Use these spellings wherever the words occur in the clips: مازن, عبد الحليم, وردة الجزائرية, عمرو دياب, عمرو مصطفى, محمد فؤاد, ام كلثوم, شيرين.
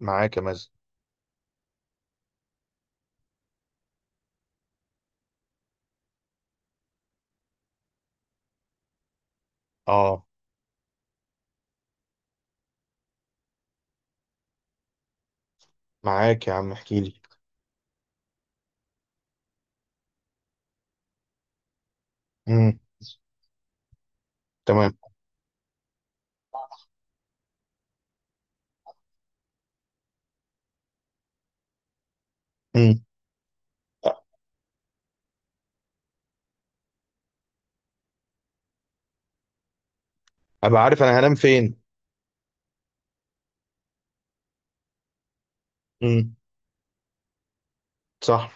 معاك يا مازن. اه. معاك يا عم، احكي لي. امم. تمام. امم. ابقى عارف انا هنام فين. امم. صح.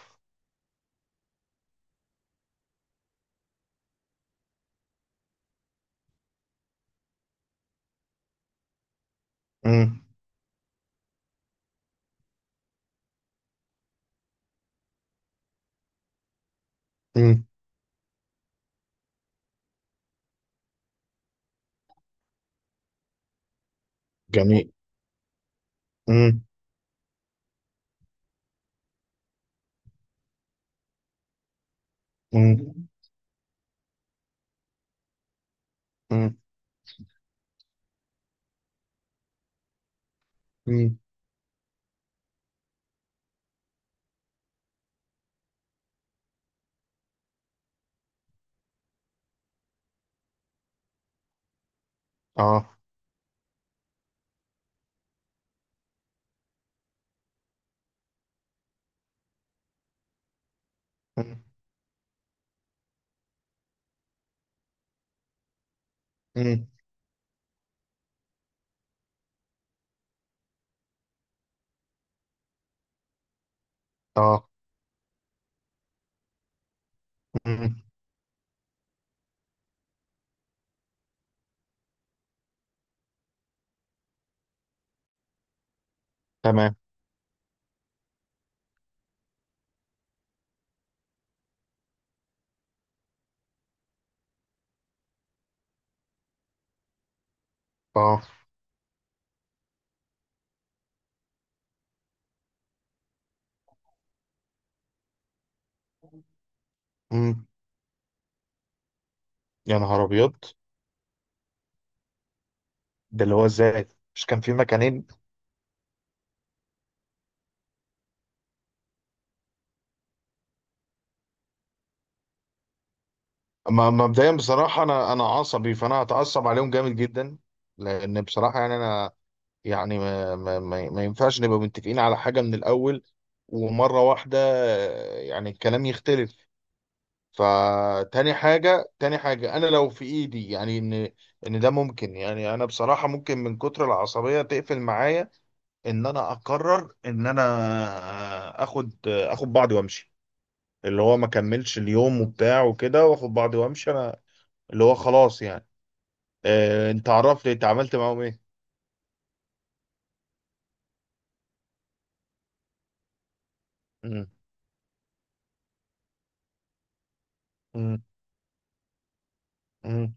امم. امم. جميل. امم. امم. امم. أمم. اه. أمم. أمم. اه. أمم. تمام. اه. أمم. يا نهار ابيض. ده اللي هو ازاي؟ مش كان في مكانين؟ مبدئيا بصراحه، انا عصبي، فانا هتعصب عليهم جامد جدا. لان بصراحه يعني انا، يعني ما ينفعش نبقى متفقين على حاجة من الأول، ومرة واحدة يعني الكلام يختلف. فتاني حاجة تاني حاجة، أنا لو في إيدي يعني إن ده ممكن، يعني أنا بصراحة ممكن من كتر العصبية تقفل معايا، إن أنا أقرر إن أنا آخد بعضي وأمشي، اللي هو ما كملش اليوم وبتاع وكده، وآخد بعضي وأمشي أنا، اللي هو خلاص يعني. أنت عملت معاهم إيه؟ مم. مم. مم.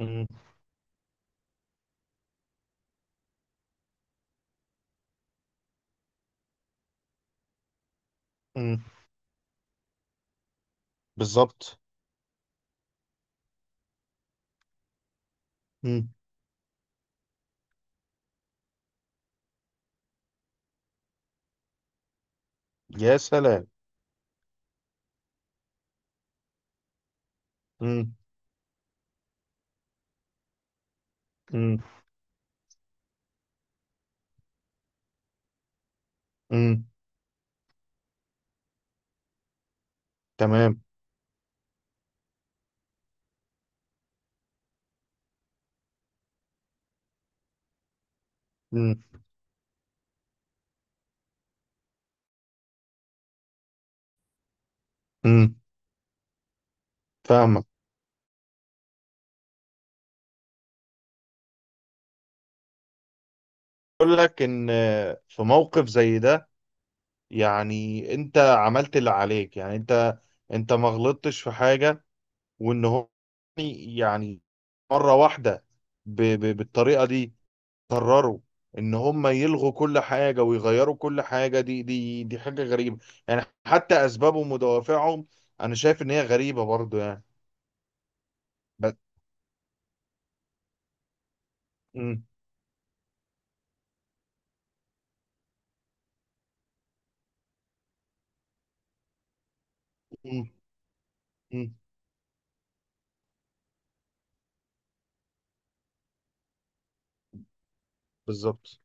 مم. مم. بالظبط. مم. يا سلام. مم. مم. مم. تمام. مم. مم. فاهمك. اقول لك ان في موقف زي ده، يعني انت عملت اللي عليك، يعني انت ما غلطتش في حاجة، وان هو يعني مرة واحدة بالطريقة دي قرروا ان هم يلغوا كل حاجة ويغيروا كل حاجة، دي حاجة غريبة، يعني حتى اسبابهم ودوافعهم انا شايف ان هي غريبة برضو يعني. بس. مم. مم. بالظبط.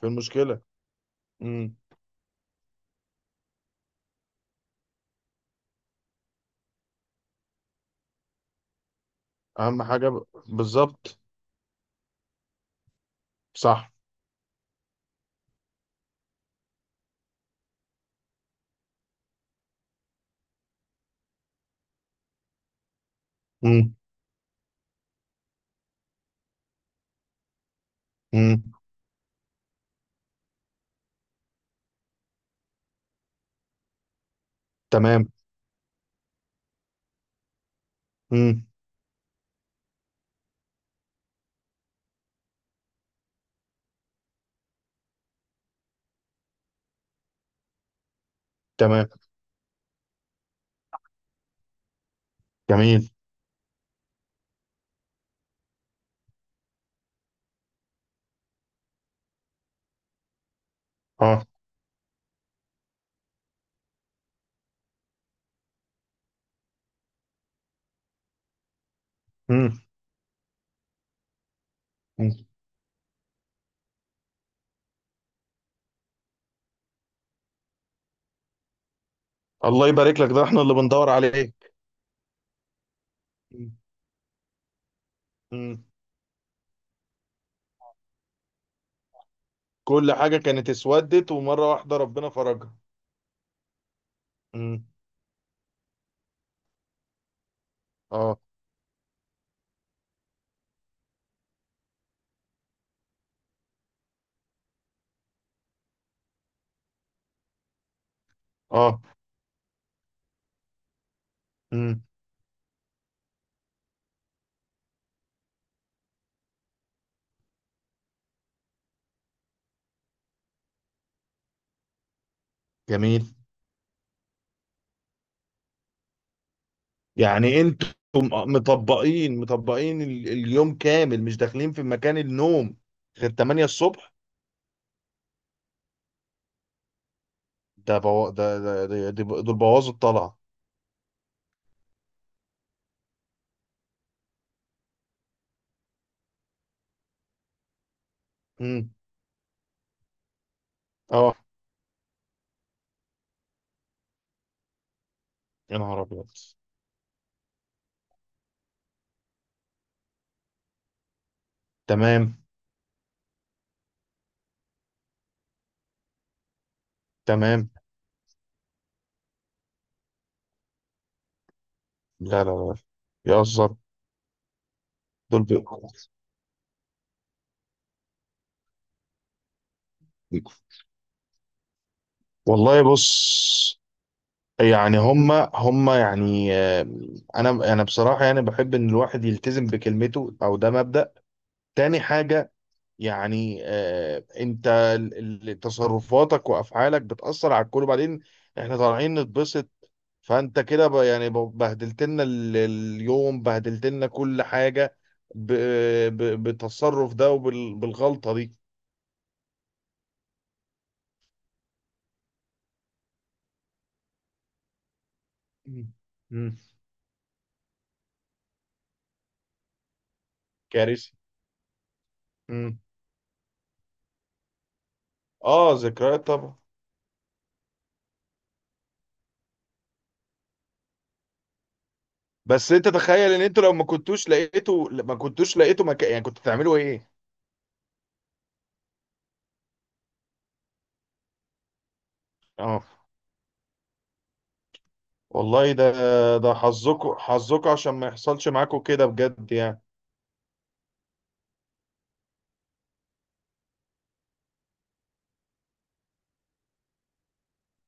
في المشكلة. امم. أهم حاجة، بالظبط. صح. امم. امم. تمام. امم. تمام. جميل. اه. امم. أمم. الله يبارك لك، ده احنا اللي بندور عليه. أمم. أمم. كل حاجة كانت اسودت ومرة واحدة ربنا فرجها. امم. اه. اه. امم. جميل. يعني انتم مطبقين اليوم كامل، مش داخلين في مكان النوم غير 8 الصبح؟ ده بو... ده ده ده- ده دول بوظوا الطلعة. امم. اه. يا نهار ابيض. تمام. تمام. لا لا لا، يهزر. دول بي... والله بص. يعني هما يعني انا بصراحه يعني بحب ان الواحد يلتزم بكلمته، او ده مبدأ. تاني حاجه، يعني انت تصرفاتك وافعالك بتاثر على الكل، وبعدين احنا طالعين نتبسط، فانت كده يعني بهدلت لنا اليوم، بهدلت لنا كل حاجه ب- بالتصرف ده وبالغلطه دي. مم. مم. كارثه. مم. اه، ذكريات طبعا. بس انت تخيل ان انتوا لو ما كنتوش لقيتوا مكان، يعني كنتوا تعملوا ايه؟ اه. والله ده حظكم حظكم عشان ما يحصلش معاكم كده بجد يعني.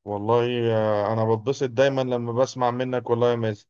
والله انا بتبسط دايما لما بسمع منك، والله يا مازن.